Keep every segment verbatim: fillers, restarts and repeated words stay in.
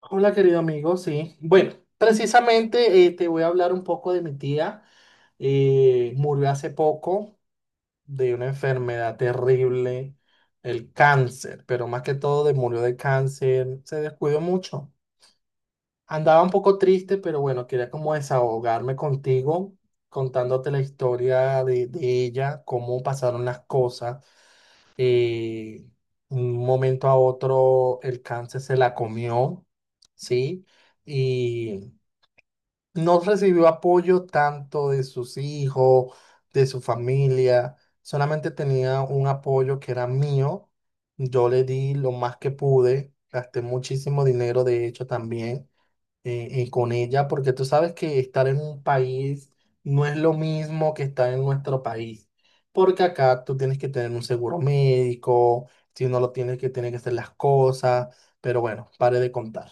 Hola, querido amigo, sí. Bueno, precisamente eh, te voy a hablar un poco de mi tía. Eh, murió hace poco de una enfermedad terrible, el cáncer, pero más que todo de, murió de cáncer, se descuidó mucho. Andaba un poco triste, pero bueno, quería como desahogarme contigo, contándote la historia de, de ella, cómo pasaron las cosas. Eh, un momento a otro el cáncer se la comió, ¿sí? Y no recibió apoyo tanto de sus hijos, de su familia, solamente tenía un apoyo que era mío. Yo le di lo más que pude, gasté muchísimo dinero, de hecho, también eh, eh, con ella, porque tú sabes que estar en un país no es lo mismo que estar en nuestro país, porque acá tú tienes que tener un seguro médico, si no lo tienes que, tiene que hacer las cosas, pero bueno, pare de contar.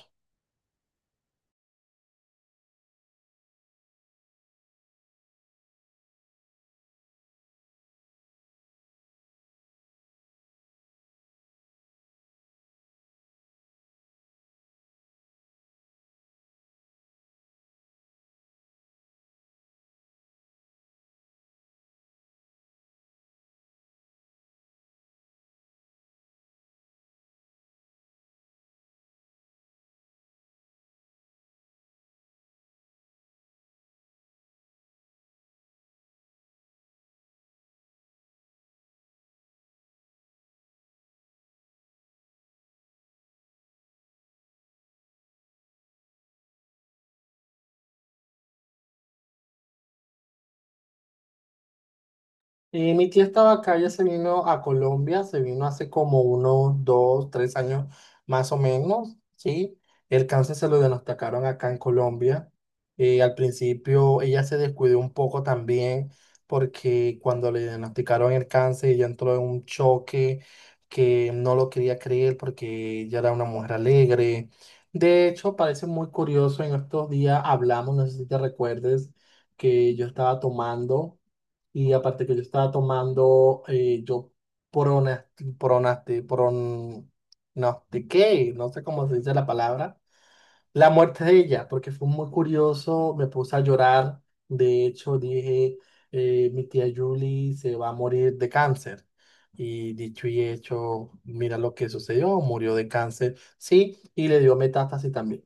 Y mi tía estaba acá, ella se vino a Colombia, se vino hace como unos dos, tres años más o menos, ¿sí? El cáncer se lo diagnosticaron acá en Colombia. Y al principio ella se descuidó un poco también porque cuando le diagnosticaron el cáncer ella entró en un choque que no lo quería creer porque ella era una mujer alegre. De hecho, parece muy curioso, en estos días hablamos, no sé si te recuerdes, que yo estaba tomando. Y aparte que yo estaba tomando, eh, yo pronas- pronaste, pron, no, ¿de qué? No sé cómo se dice la palabra. La muerte de ella, porque fue muy curioso, me puse a llorar. De hecho, dije, eh, mi tía Julie se va a morir de cáncer. Y dicho y hecho, mira lo que sucedió, murió de cáncer, sí, y le dio metástasis también.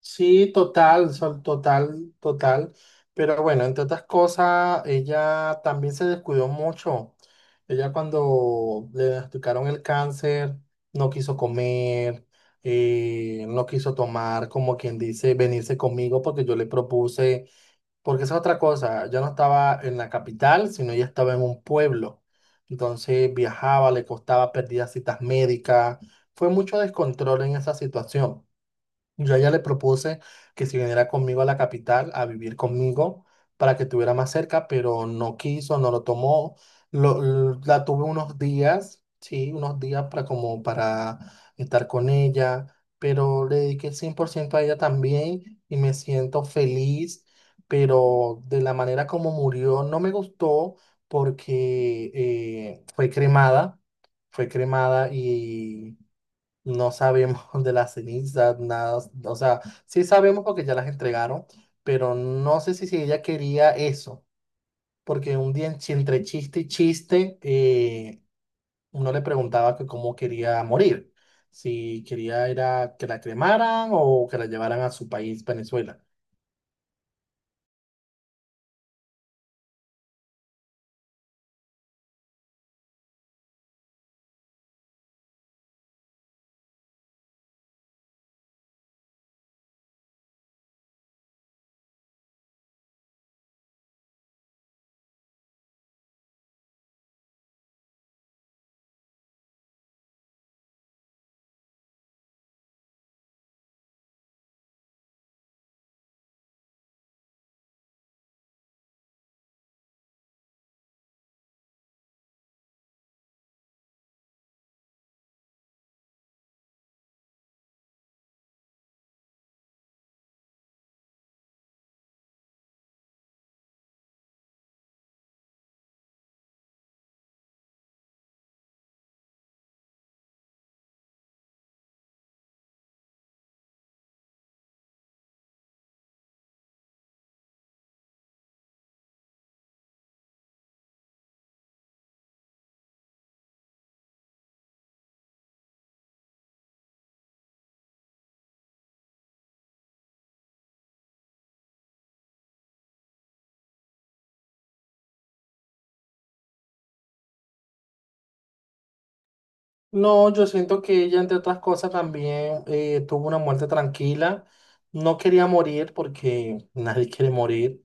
Sí, total, sol- total, total. Pero bueno, entre otras cosas, ella también se descuidó mucho. Ella cuando le diagnosticaron el cáncer, no quiso comer, eh, no quiso tomar, como quien dice, venirse conmigo porque yo le propuse, porque esa es otra cosa, yo no estaba en la capital, sino ella estaba en un pueblo. Entonces viajaba, le costaba, perdía citas médicas. Fue mucho descontrol en esa situación. Yo a ella le propuse que si viniera conmigo a la capital a vivir conmigo para que estuviera más cerca, pero no quiso, no lo tomó. Lo- l- la tuve unos días, sí, unos días para como para estar con ella, pero le dediqué el cien por ciento a ella también y me siento feliz, pero de la manera como murió no me gustó porque eh, fue cremada, fue cremada no sabemos de las cenizas, nada. O sea, sí sabemos porque ya las entregaron, pero no sé si, si ella quería eso, porque un día en chi- entre chiste y chiste, eh, uno le preguntaba que cómo quería morir, si quería era que la cremaran o que la llevaran a su país, Venezuela. No, yo siento que ella, entre otras cosas, también eh, tuvo una muerte tranquila. No quería morir porque nadie quiere morir,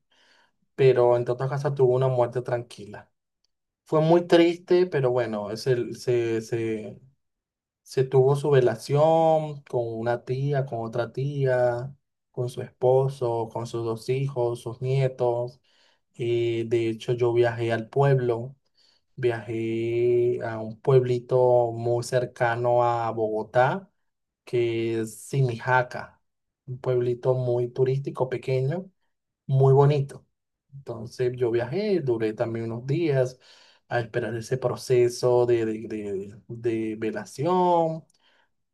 pero entre otras cosas tuvo una muerte tranquila. Fue muy triste, pero bueno, se, se, se, se tuvo su velación con una tía, con otra tía, con su esposo, con sus dos hijos, sus nietos. Eh, de hecho, yo viajé al pueblo, viajé a un pueblito muy cercano a Bogotá, que es Simijaca, un pueblito muy turístico, pequeño, muy bonito. Entonces yo viajé, duré también unos días a esperar ese proceso de, de, de- de velación,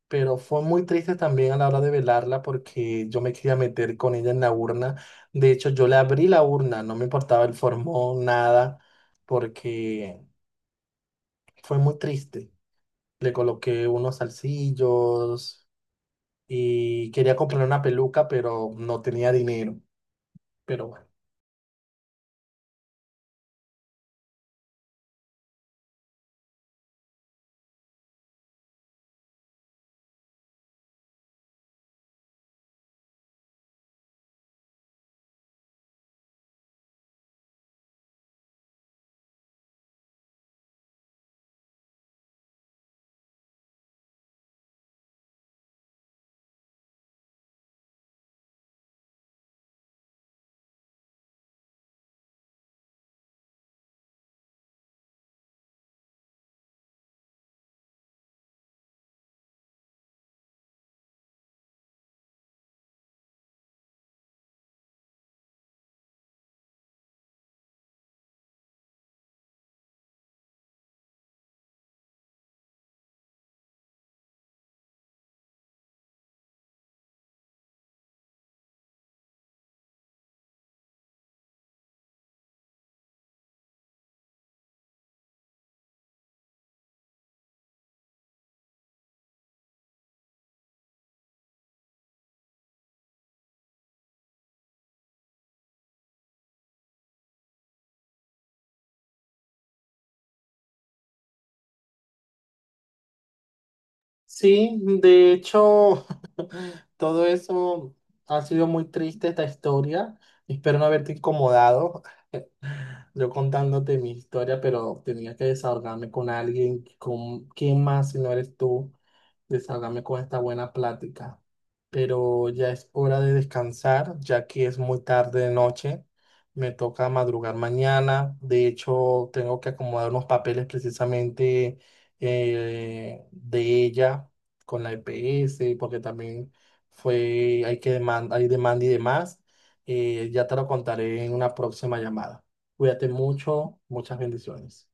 pero fue muy triste también a la hora de velarla porque yo me quería meter con ella en la urna. De hecho, yo le abrí la urna, no me importaba el formón, nada, porque fue muy triste. Le coloqué unos salsillos y quería comprar una peluca, pero no tenía dinero. Pero bueno. Sí, de hecho, todo eso ha sido muy triste esta historia. Espero no haberte incomodado. Yo contándote mi historia, pero tenía que desahogarme con alguien, con quién más si no eres tú, desahogarme con esta buena plática. Pero ya es hora de descansar, ya que es muy tarde de noche. Me toca madrugar mañana. De hecho, tengo que acomodar unos papeles precisamente eh, de ella con la E P S porque también fue, hay que demanda, hay demanda y demás. Eh, ya te lo contaré en una próxima llamada. Cuídate mucho, muchas bendiciones.